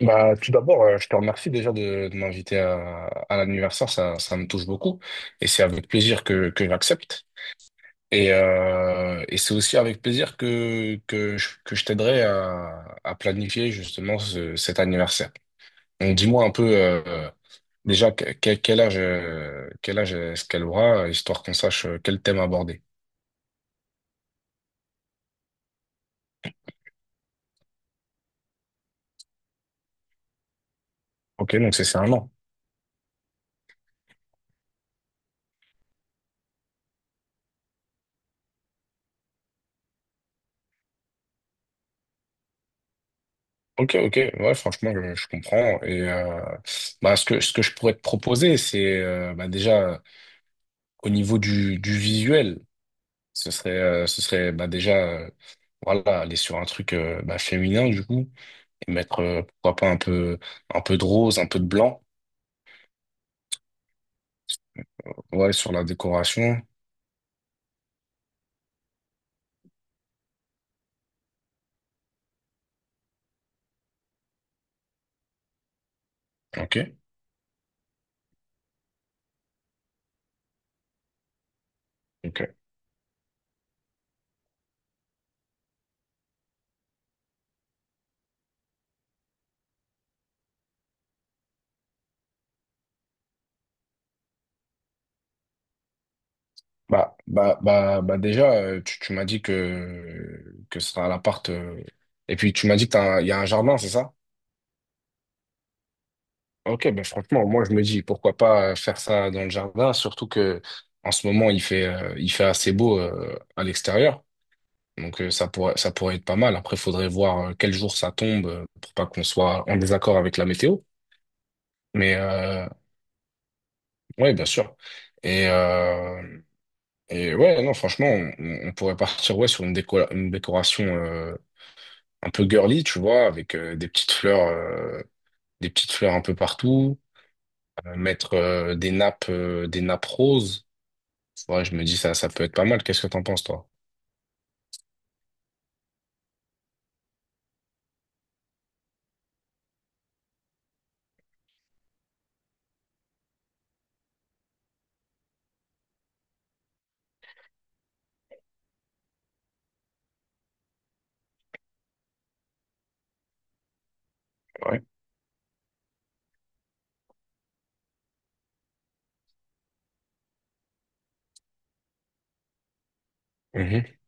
Bah, tout d'abord, je te remercie déjà de m'inviter à l'anniversaire, ça me touche beaucoup et c'est avec plaisir que j'accepte. Et c'est aussi avec plaisir que que je t'aiderai à planifier justement cet anniversaire. Donc dis-moi un peu déjà quel âge est-ce qu'elle aura, histoire qu'on sache quel thème aborder. Ok, donc c'est un an. Ok, ok, ouais, franchement, je comprends. Bah, ce que je pourrais te proposer, c'est bah, déjà. Au niveau du visuel, ce serait bah, déjà euh, voilà, aller sur un truc bah, féminin du coup, et mettre pourquoi pas un peu, un peu de rose, un peu de blanc ouais, sur la décoration. Ok. Ok. Bah, déjà, tu m'as dit que ce sera à l'appart. Et puis tu m'as dit qu'il y a un jardin, c'est ça? Ok, ben franchement, moi je me dis pourquoi pas faire ça dans le jardin, surtout que en ce moment il il fait assez beau à l'extérieur. Donc ça pourrait être pas mal. Après, faudrait voir quel jour ça tombe pour pas qu'on soit en désaccord avec la météo. Mais euh, ouais, bien sûr. Et, euh, et ouais, non, franchement, on pourrait partir ouais, sur une décoration un peu girly, tu vois, avec des petites fleurs un peu partout, mettre des nappes, des nappes roses. Ouais, je me dis ça, ça peut être pas mal. Qu'est-ce que t'en penses, toi? Ouais. Mhm.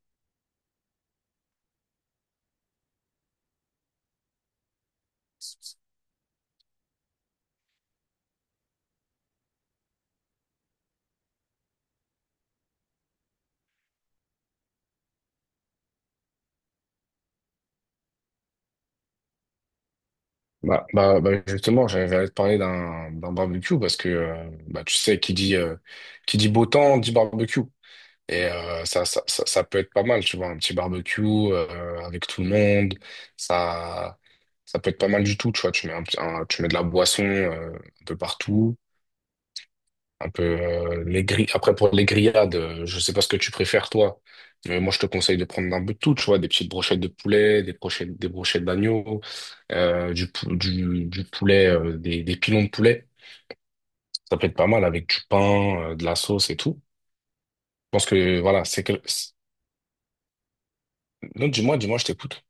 Bah, justement, j'allais te parler d'un barbecue parce que bah, tu sais, qui dit beau temps dit barbecue. Et ça peut être pas mal, tu vois, un petit barbecue avec tout le monde. Ça, ça peut être pas mal du tout, tu vois. Tu mets de la boisson un peu partout, un peu les grilles. Après, pour les grillades, je sais pas ce que tu préfères, toi. Mais moi, je te conseille de prendre un peu de tout, tu vois, des petites brochettes de poulet, des brochettes d'agneau, du poulet, des pilons de poulet. Ça peut être pas mal avec du pain, de la sauce et tout. Je pense que, voilà, c'est que... Non, dis-moi, dis-moi, je t'écoute.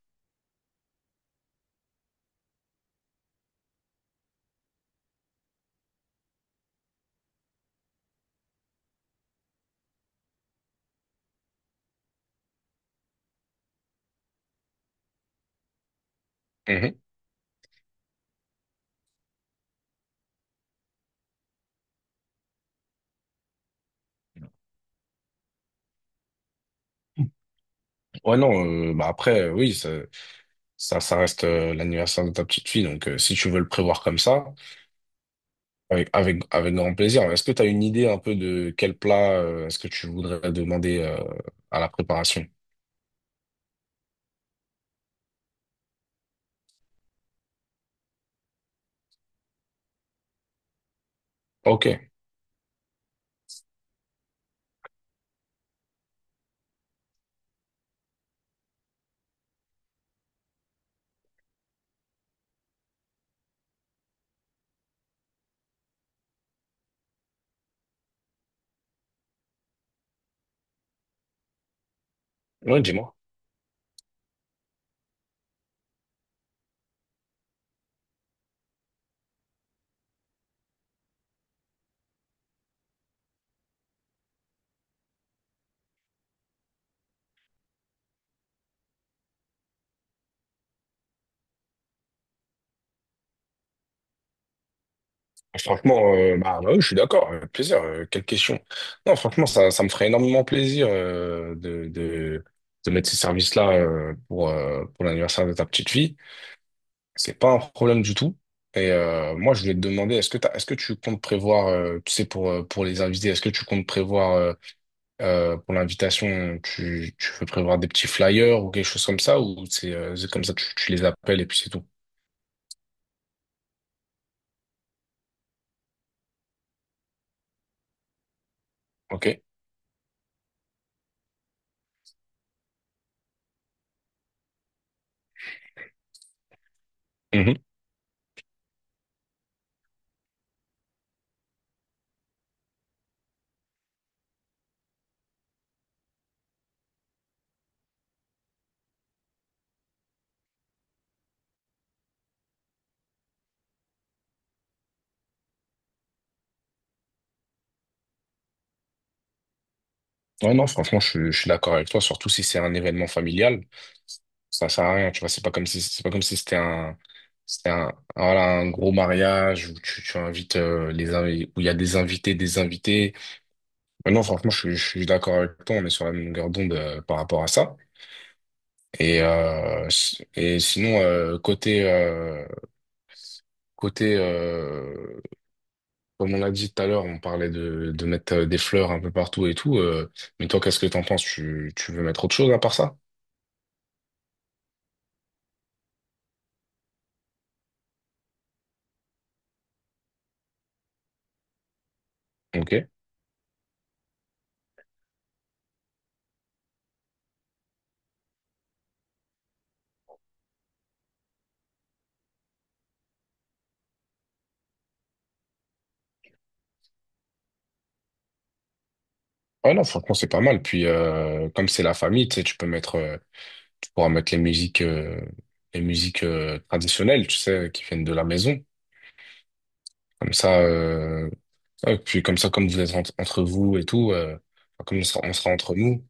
Mhm. Ouais, non, bah après, oui, ça reste l'anniversaire de ta petite fille, donc si tu veux le prévoir comme ça, avec grand plaisir. Est-ce que tu as une idée un peu de quel plat est-ce que tu voudrais demander à la préparation? Ok, ouais, dis-moi. Ah, franchement, bah oui, je suis d'accord, avec plaisir, quelle question. Non, franchement, ça me ferait énormément plaisir de mettre ces services-là pour l'anniversaire de ta petite fille. C'est pas un problème du tout. Et moi, je voulais te demander, est-ce que tu comptes prévoir, tu sais, pour les invités, est-ce que tu comptes prévoir pour l'invitation, tu veux prévoir des petits flyers ou quelque chose comme ça, ou c'est comme ça, tu les appelles et puis c'est tout. Ok? Ouais, non, franchement, je suis d'accord avec toi, surtout si c'est un événement familial. Ça sert à rien, tu vois, c'est pas comme si, c'était un, voilà, un gros mariage où tu invites, où il y a des invités, des invités. Mais non, franchement, je suis d'accord avec toi, on est sur la même longueur d'onde, par rapport à ça. Et sinon, côté, comme on l'a dit tout à l'heure, on parlait de mettre des fleurs un peu partout et tout, mais toi, qu'est-ce que t'en penses? Tu veux mettre autre chose à part ça? Ok. Ouais, non, franchement, c'est pas mal. Puis, comme c'est la famille, tu sais, tu pourras mettre les musiques, les musiques traditionnelles, tu sais, qui viennent de la maison. Comme ça, ouais, puis comme ça, comme vous êtes entre vous et tout, enfin, comme on sera entre nous.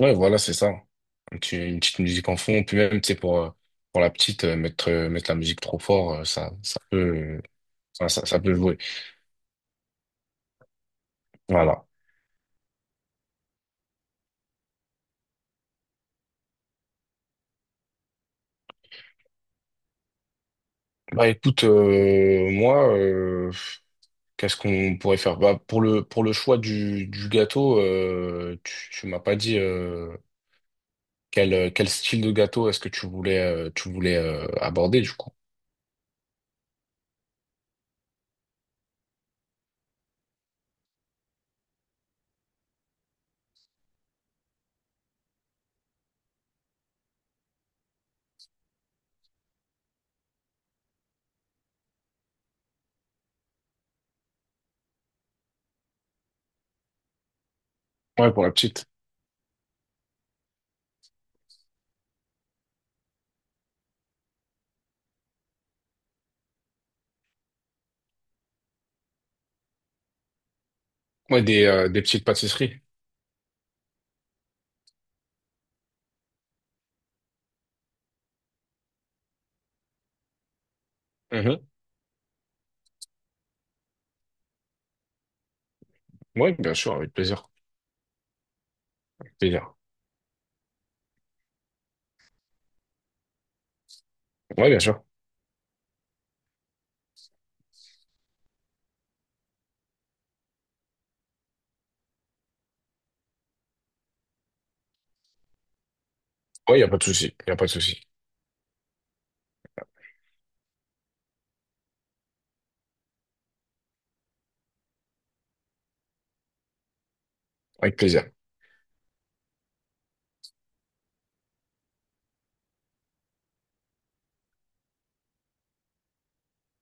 Ouais, voilà, c'est ça. Une petite musique en fond. Puis même, tu sais, pour la petite, mettre la musique trop fort, ça, ça peut jouer. Voilà. Bah, écoute, qu'est-ce qu'on pourrait faire? Bah, pour le choix du gâteau, tu m'as pas dit quel, quel style de gâteau est-ce que tu voulais, tu voulais aborder du coup? Ouais, pour la petite. Ouais, des petites pâtisseries. Oui, bien sûr, avec plaisir. Plaisir. Ouais, bien sûr. Ouais, y a pas de souci. Y a pas de souci. Avec plaisir.